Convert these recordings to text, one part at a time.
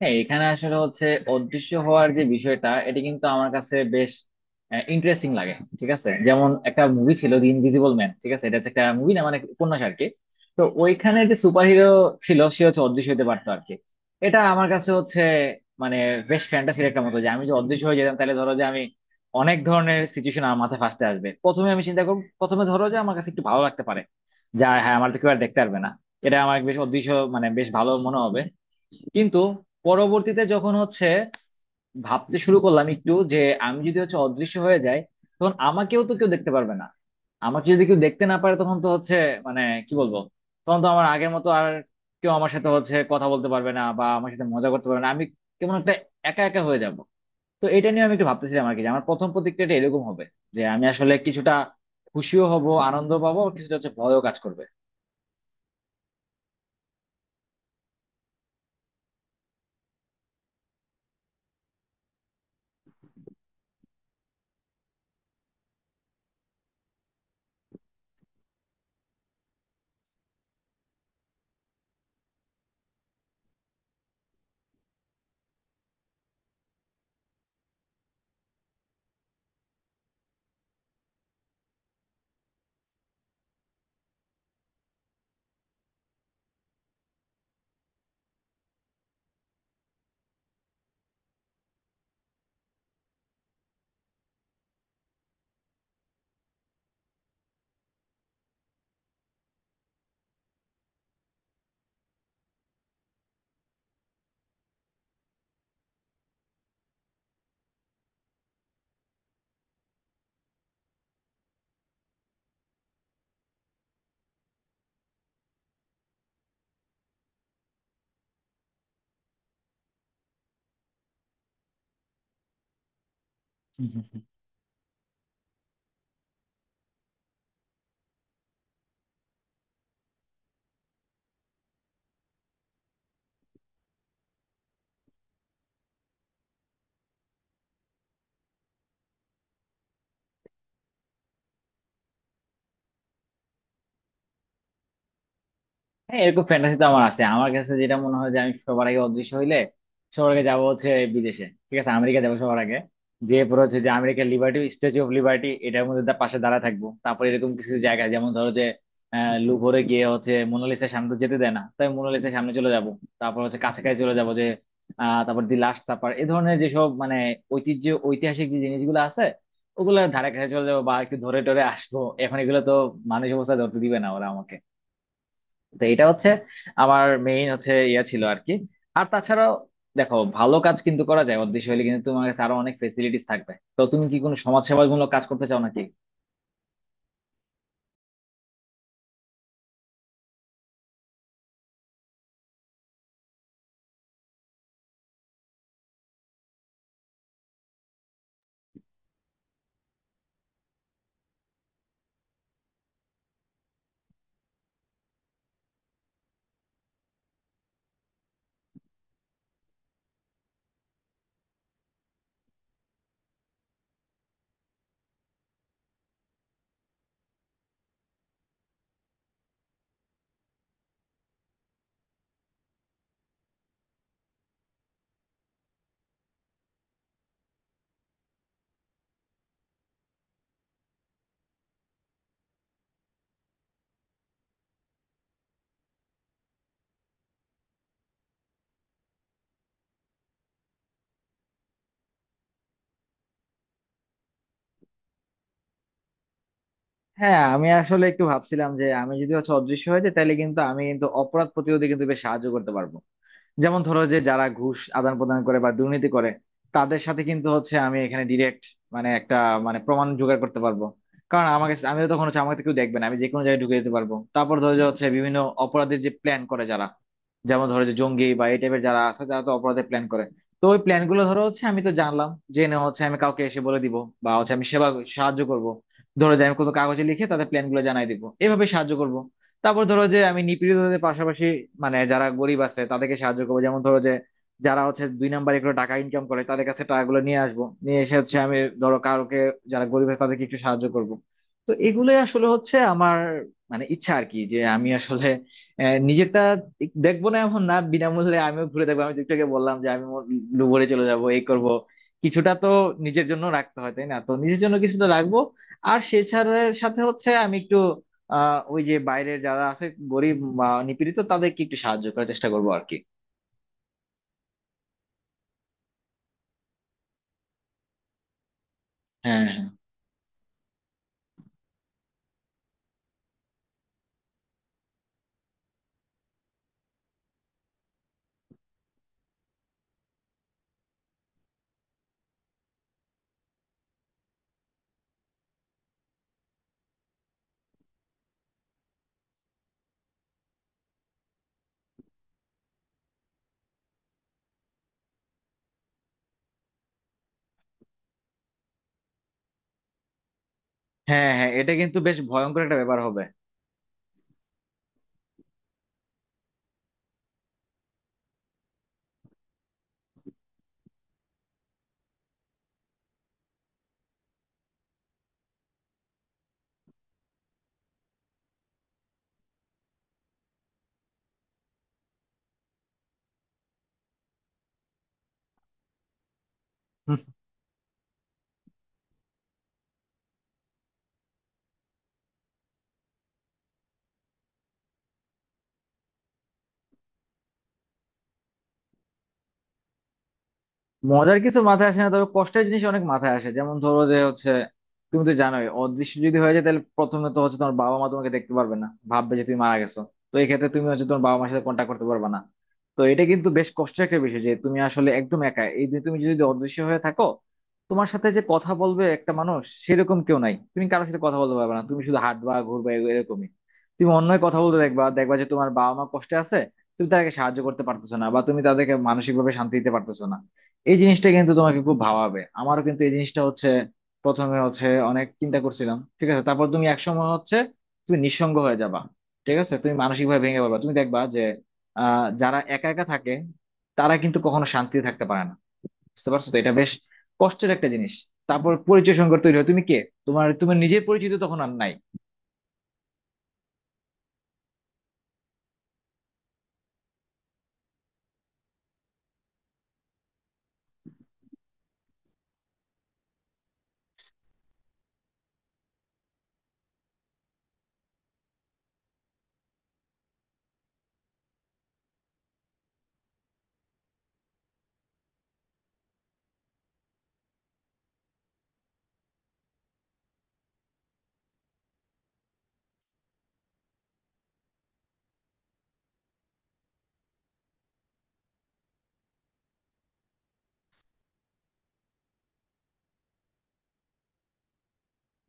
হ্যাঁ, এখানে আসলে হচ্ছে অদৃশ্য হওয়ার যে বিষয়টা এটি কিন্তু আমার কাছে বেশ ইন্টারেস্টিং লাগে। ঠিক আছে, যেমন একটা মুভি ছিল দি ইনভিজিবল ম্যান। ঠিক আছে, এটা হচ্ছে একটা মুভি না মানে উপন্যাস আর কি। তো ওইখানে যে সুপারহিরো ছিল সে হচ্ছে অদৃশ্য হতে পারতো আর কি। এটা আমার কাছে হচ্ছে মানে বেশ ফ্যান্টাসির একটা মতো, যে আমি যে অদৃশ্য হয়ে যেতাম তাহলে ধরো যে আমি অনেক ধরনের সিচুয়েশন আমার মাথায় ফার্স্টে আসবে। প্রথমে আমি চিন্তা করবো, প্রথমে ধরো যে আমার কাছে একটু ভালো লাগতে পারে, যা হ্যাঁ আমার তো কেউ আর দেখতে পারবে না। এটা আমার বেশ অদৃশ্য মানে বেশ ভালো মনে হবে, কিন্তু পরবর্তীতে যখন হচ্ছে ভাবতে শুরু করলাম একটু যে আমি যদি হচ্ছে অদৃশ্য হয়ে যাই, তখন আমাকেও তো কেউ দেখতে পারবে না। আমাকে যদি কেউ দেখতে না পারে তখন তো হচ্ছে মানে কি বলবো, তখন তো আমার আগের মতো আর কেউ আমার সাথে হচ্ছে কথা বলতে পারবে না বা আমার সাথে মজা করতে পারবে না। আমি কেমন একটা একা একা হয়ে যাব। তো এটা নিয়ে আমি একটু ভাবতেছিলাম আর কি, যে আমার প্রথম প্রতিক্রিয়াটা এরকম হবে যে আমি আসলে কিছুটা খুশিও হব, আনন্দ পাবো, কিছুটা হচ্ছে ভয়ও কাজ করবে। হ্যাঁ, এরকম ফ্যান্টাসি তো আমার আছে। আমার কাছে যেটা মনে হয় যে আমি সবার আগে অদৃশ্য হইলে সবার আগে যাবো হচ্ছে বিদেশে। ঠিক আছে, আমেরিকা যাবো সবার আগে, যে পরে হচ্ছে যে আমেরিকার লিবার্টি, স্ট্যাচু অফ লিবার্টি, এটার মধ্যে পাশে দাঁড়া থাকবো। তারপরে এরকম কিছু কিছু জায়গা যেমন ধরো যে লুভরে গিয়ে হচ্ছে মোনালিসার সামনে তো যেতে দেয় না, তাই মোনালিসার সামনে চলে যাব। তারপর হচ্ছে কাছাকাছি চলে যাব যে তারপর দি লাস্ট সাপার এ ধরনের যেসব মানে ঐতিহ্য ঐতিহাসিক যে জিনিসগুলো আছে ওগুলো ধারে কাছে চলে যাবো বা একটু ধরে টরে আসবো। এখন এগুলো তো মানুষ অবস্থা ধরতে দিবে না ওরা আমাকে। তো এটা হচ্ছে আমার মেইন হচ্ছে ইয়া ছিল আর কি। আর তাছাড়াও দেখো ভালো কাজ কিন্তু করা যায়, অদৃশ্য হলে কিন্তু তোমার কাছে আরো অনেক ফেসিলিটিস থাকবে। তো তুমি কি কোনো সমাজসেবামূলক কাজ করতে চাও নাকি? হ্যাঁ, আমি আসলে একটু ভাবছিলাম যে আমি যদি হচ্ছে অদৃশ্য হয়ে যাই তাহলে কিন্তু আমি কিন্তু অপরাধ প্রতিরোধে কিন্তু বেশ সাহায্য করতে পারবো। যেমন ধরো যে যারা ঘুষ আদান প্রদান করে বা দুর্নীতি করে তাদের সাথে কিন্তু হচ্ছে আমি এখানে ডিরেক্ট মানে একটা মানে প্রমাণ জোগাড় করতে পারবো। কারণ আমাকে, আমি তো তখন হচ্ছে আমাকে তো কেউ দেখবে না, আমি যে কোনো জায়গায় ঢুকে যেতে পারবো। তারপর ধরো যে হচ্ছে বিভিন্ন অপরাধের যে প্ল্যান করে যারা, যেমন ধরো যে জঙ্গি বা এই টাইপের যারা আছে যারা তো অপরাধের প্ল্যান করে। তো ওই প্ল্যান গুলো ধরো হচ্ছে আমি তো জানলাম, জেনে হচ্ছে আমি কাউকে এসে বলে দিব বা হচ্ছে আমি সেবা, সাহায্য করব। ধরো যে আমি কোনো কাগজে লিখে তাদের প্ল্যান গুলো জানাই দিব, এভাবে সাহায্য করব। তারপর ধরো যে আমি নিপীড়িতদের পাশাপাশি মানে যারা গরিব আছে তাদেরকে সাহায্য করবো। যেমন ধরো যে যারা হচ্ছে দুই নাম্বারে করে টাকা ইনকাম করে তাদের কাছে টাকাগুলো নিয়ে আসবো, নিয়ে এসে হচ্ছে আমি ধরো কারোকে, যারা গরিব আছে তাদেরকে একটু সাহায্য করব। তো এগুলোই আসলে হচ্ছে আমার মানে ইচ্ছা আর কি, যে আমি আসলে নিজেরটা দেখবো না এমন না, বিনামূল্যে আমিও ঘুরে দেখবো। আমি যেটাকে বললাম যে আমি লুবরে চলে যাব এই করব, কিছুটা তো নিজের জন্য রাখতে হয় তাই না, তো নিজের জন্য কিছু তো রাখবো। আর সেছাড়া সাথে হচ্ছে আমি একটু ওই যে বাইরের যারা আছে গরিব বা নিপীড়িত তাদেরকে একটু সাহায্য করার চেষ্টা করবো আর কি। হ্যাঁ, হ্যাঁ, হ্যাঁ, হ্যাঁ, এটা কিন্তু বেশ ভয়ঙ্কর একটা ব্যাপার হবে। মজার কিছু মাথায় আসে না, তবে কষ্টের জিনিস অনেক মাথায় আসে। যেমন ধরো যে হচ্ছে তুমি তো জানোই অদৃশ্য যদি হয়ে যায় তাহলে প্রথমে তো হচ্ছে তোমার বাবা মা তোমাকে দেখতে পারবে না, ভাববে যে তুমি মারা গেছো। তো এই ক্ষেত্রে তুমি হচ্ছে তোমার বাবা মার সাথে কন্ট্যাক্ট করতে পারবে না। তো এটা কিন্তু বেশ কষ্টের একটা বিষয় যে তুমি আসলে একদম একা, এই যে তুমি যদি অদৃশ্য হয়ে থাকো তোমার সাথে যে কথা বলবে একটা মানুষ সেরকম কেউ নাই। তুমি কারোর সাথে কথা বলতে পারবে না, তুমি শুধু হাঁটবা ঘুরবা এরকমই। তুমি অন্যের কথা বলতে দেখবা, দেখবা যে তোমার বাবা মা কষ্টে আছে। তুমি তাদেরকে সাহায্য করতে পারতেছো না বা তুমি তাদেরকে মানসিক ভাবে শান্তি দিতে পারতেছো না। এই জিনিসটা কিন্তু তোমাকে খুব ভাবাবে। আমারও কিন্তু এই জিনিসটা হচ্ছে প্রথমে হচ্ছে অনেক চিন্তা করছিলাম। ঠিক আছে, তারপর তুমি একসময় হচ্ছে তুমি নিঃসঙ্গ হয়ে যাবা। ঠিক আছে, তুমি মানসিক ভাবে ভেঙে পড়বা। তুমি দেখবা যে যারা একা একা থাকে তারা কিন্তু কখনো শান্তিতে থাকতে পারে না। বুঝতে পারছো? তো এটা বেশ কষ্টের একটা জিনিস। তারপর পরিচয় সংকট তৈরি হয়, তুমি কে? তোমার তুমি নিজের পরিচিত তখন আর নাই।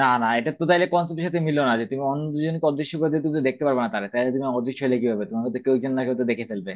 না, না, এটা তো তাইলে কনসেপ্টের সাথে মিললো না, যে তুমি অন্য দুজনকে অদৃশ্য করে দিয়ে তুমি তো দেখতে পারবে না তাহলে তাহলে তুমি অদৃশ্য হলে কি হবে, তোমাকে তো কেউ একজন না কেউ তো দেখে ফেলবে।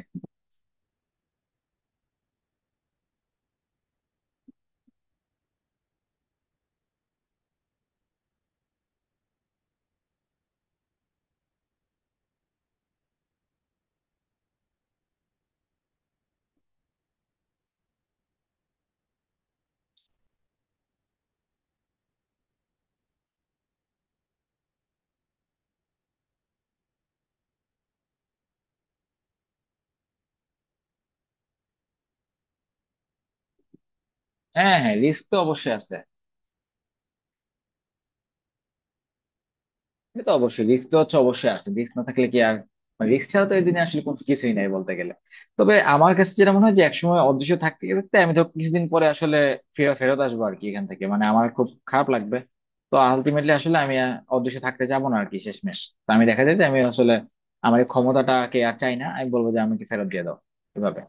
হ্যাঁ, হ্যাঁ, রিস্ক তো অবশ্যই আছে। এটা তো অবশ্যই, রিস্ক তো হচ্ছে অবশ্যই আছে, রিস্ক না থাকলে কি আর মানে রিস্ক ছাড়া তো এই দিনে আসলে কোনো কিছুই নাই বলতে গেলে। তবে আমার কাছে যেটা মনে হয় যে একসময় অদৃশ্য থাকতে থাকতে আমি তো কিছুদিন পরে আসলে ফেরত ফেরত আসবো আর কি এখান থেকে, মানে আমার খুব খারাপ লাগবে। তো আলটিমেটলি আসলে আমি অদৃশ্য থাকতে যাবো না আর কি শেষমেশ। তো আমি দেখা যায় যে আমি আসলে আমার এই ক্ষমতাটাকে আর চাই না, আমি বলবো যে আমাকে ফেরত দিয়ে দাও এভাবে।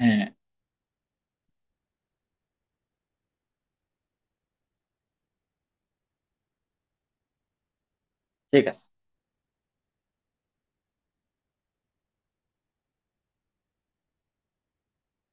হ্যাঁ, ঠিক আছে।